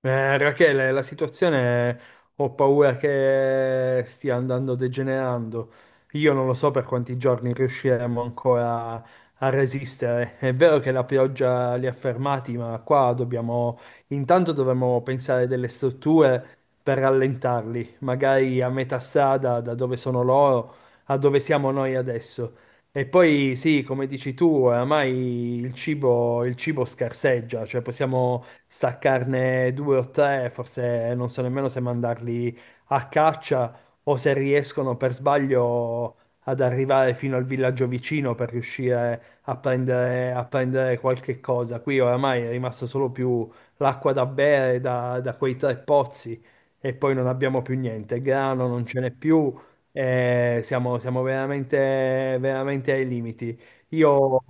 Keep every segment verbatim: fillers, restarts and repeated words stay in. Eh, Rachele, la situazione ho paura che stia andando degenerando. Io non lo so per quanti giorni riusciremo ancora a resistere. È vero che la pioggia li ha fermati, ma qua dobbiamo, intanto dovremmo pensare delle strutture per rallentarli, magari a metà strada da dove sono loro a dove siamo noi adesso. E poi sì, come dici tu, oramai il cibo, il cibo scarseggia, cioè possiamo staccarne due o tre, forse non so nemmeno se mandarli a caccia o se riescono per sbaglio ad arrivare fino al villaggio vicino per riuscire a prendere, a prendere qualche cosa. Qui oramai è rimasto solo più l'acqua da bere da, da quei tre pozzi e poi non abbiamo più niente, grano non ce n'è più, eh, siamo, siamo veramente, veramente ai limiti. Io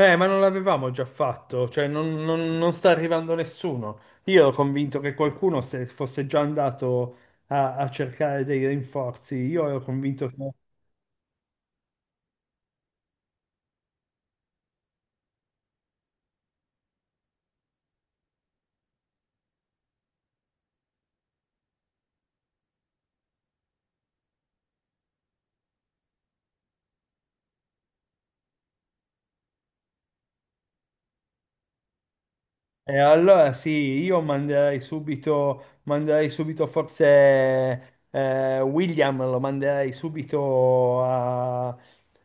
Eh, ma non l'avevamo già fatto, cioè non, non- non sta arrivando nessuno. Io ero convinto che qualcuno se fosse già andato a, a cercare dei rinforzi. Io ero convinto che E allora sì, io manderei subito, manderei subito, forse eh, William, lo manderei subito a,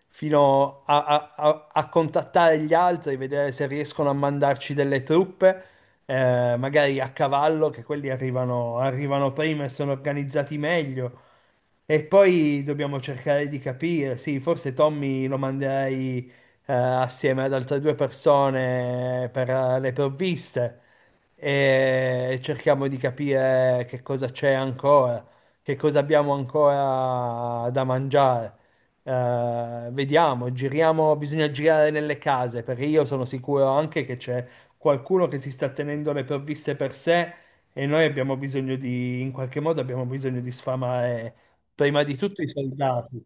fino a, a- a- a contattare gli altri, vedere se riescono a mandarci delle truppe, eh, magari a cavallo, che quelli arrivano, arrivano prima e sono organizzati meglio. E poi dobbiamo cercare di capire, sì, forse Tommy lo manderei eh, assieme ad altre due persone per eh, le provviste e cerchiamo di capire che cosa c'è ancora, che cosa abbiamo ancora da mangiare. Eh, vediamo, giriamo, bisogna girare nelle case perché io sono sicuro anche che c'è qualcuno che si sta tenendo le provviste per sé e noi abbiamo bisogno di, in qualche modo abbiamo bisogno di sfamare prima di tutto i soldati.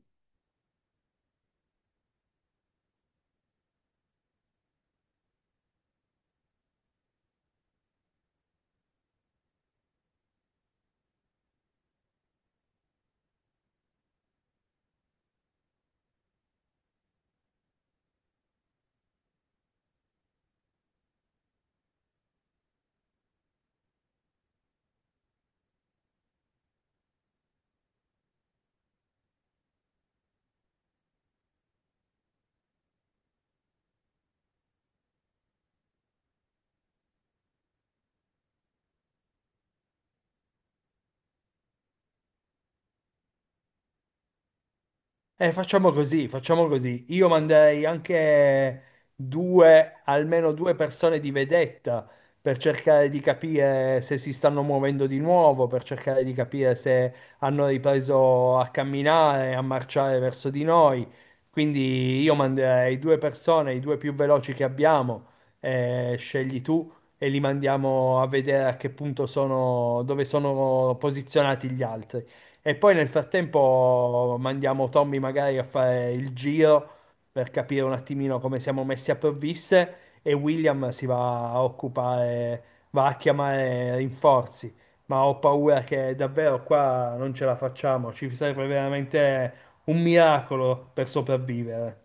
Eh, facciamo così, facciamo così. Io manderei anche due, almeno due persone di vedetta per cercare di capire se si stanno muovendo di nuovo, per cercare di capire se hanno ripreso a camminare, a marciare verso di noi. Quindi io manderei due persone, i due più veloci che abbiamo, eh, scegli tu e li mandiamo a vedere a che punto sono, dove sono posizionati gli altri. E poi nel frattempo mandiamo Tommy magari a fare il giro per capire un attimino come siamo messi a provviste e William si va a occupare, va a chiamare rinforzi. Ma ho paura che davvero qua non ce la facciamo, ci serve veramente un miracolo per sopravvivere.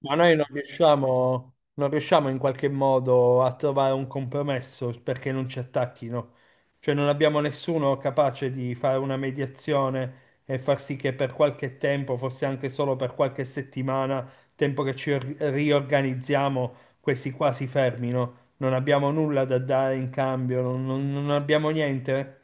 Ma noi non riusciamo, non riusciamo in qualche modo a trovare un compromesso perché non ci attacchino. Cioè non abbiamo nessuno capace di fare una mediazione e far sì che per qualche tempo, forse anche solo per qualche settimana, tempo che ci or- riorganizziamo, questi qua si fermino. Non abbiamo nulla da dare in cambio, non, non- non abbiamo niente.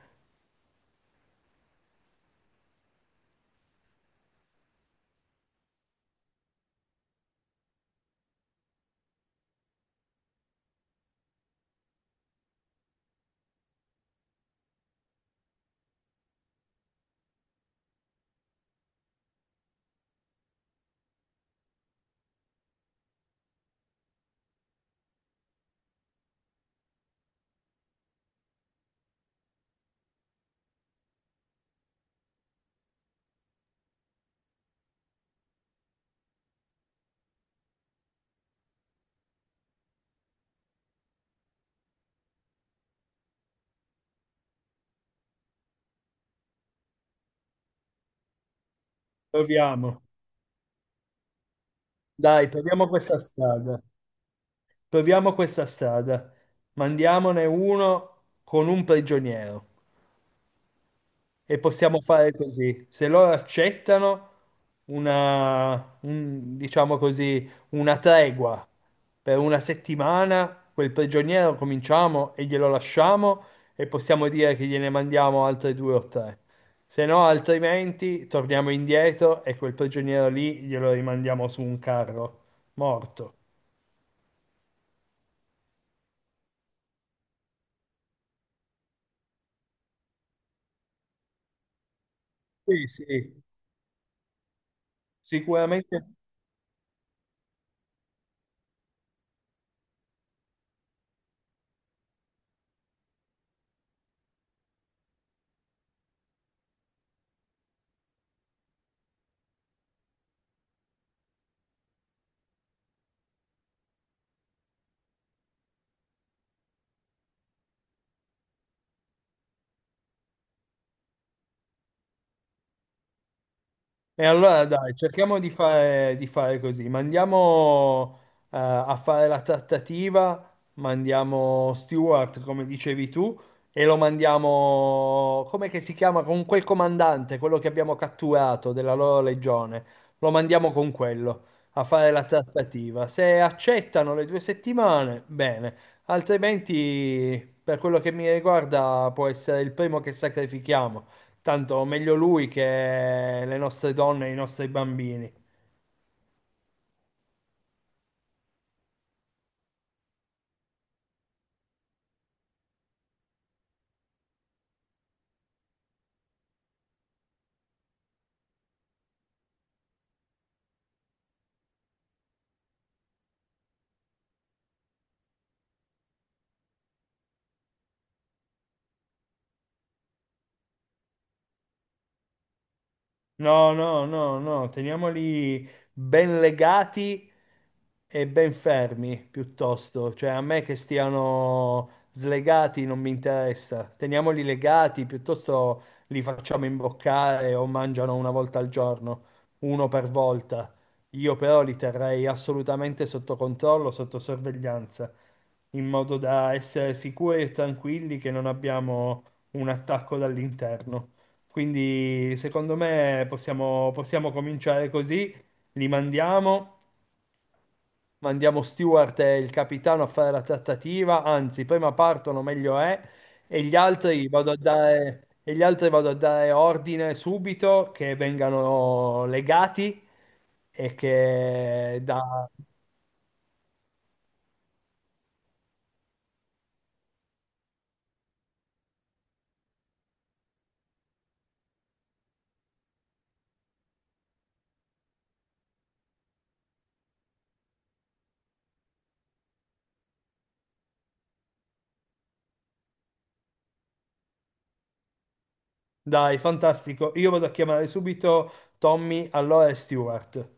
Proviamo. Dai, proviamo questa strada. Proviamo questa strada, mandiamone uno con un prigioniero e possiamo fare così. Se loro accettano una, un- diciamo così, una tregua per una settimana, quel prigioniero cominciamo e glielo lasciamo e possiamo dire che gliene mandiamo altri due o tre. Se no, altrimenti torniamo indietro e quel prigioniero lì glielo rimandiamo su un carro morto. Sì, sì, sicuramente. E allora dai, cerchiamo di fare, di fare così. Mandiamo eh, a fare la trattativa, mandiamo Stewart, come dicevi tu, e lo mandiamo, come che si chiama, con quel comandante, quello che abbiamo catturato della loro legione. Lo mandiamo con quello a fare la trattativa. Se accettano le due settimane, bene, altrimenti, per quello che mi riguarda, può essere il primo che sacrifichiamo. Tanto meglio lui che le nostre donne e i nostri bambini. No, no, no, no, teniamoli ben legati e ben fermi piuttosto, cioè a me che stiano slegati non mi interessa, teniamoli legati piuttosto li facciamo imboccare o mangiano una volta al giorno, uno per volta. Io però li terrei assolutamente sotto controllo, sotto sorveglianza, in modo da essere sicuri e tranquilli che non abbiamo un attacco dall'interno. Quindi secondo me possiamo, possiamo cominciare così, li mandiamo, mandiamo Stewart e il capitano a fare la trattativa, anzi prima partono meglio è, e gli altri vado a dare, e gli altri vado a dare ordine subito che vengano legati. E che da- dai, fantastico, io vado a chiamare subito Tommy, allora e Stewart.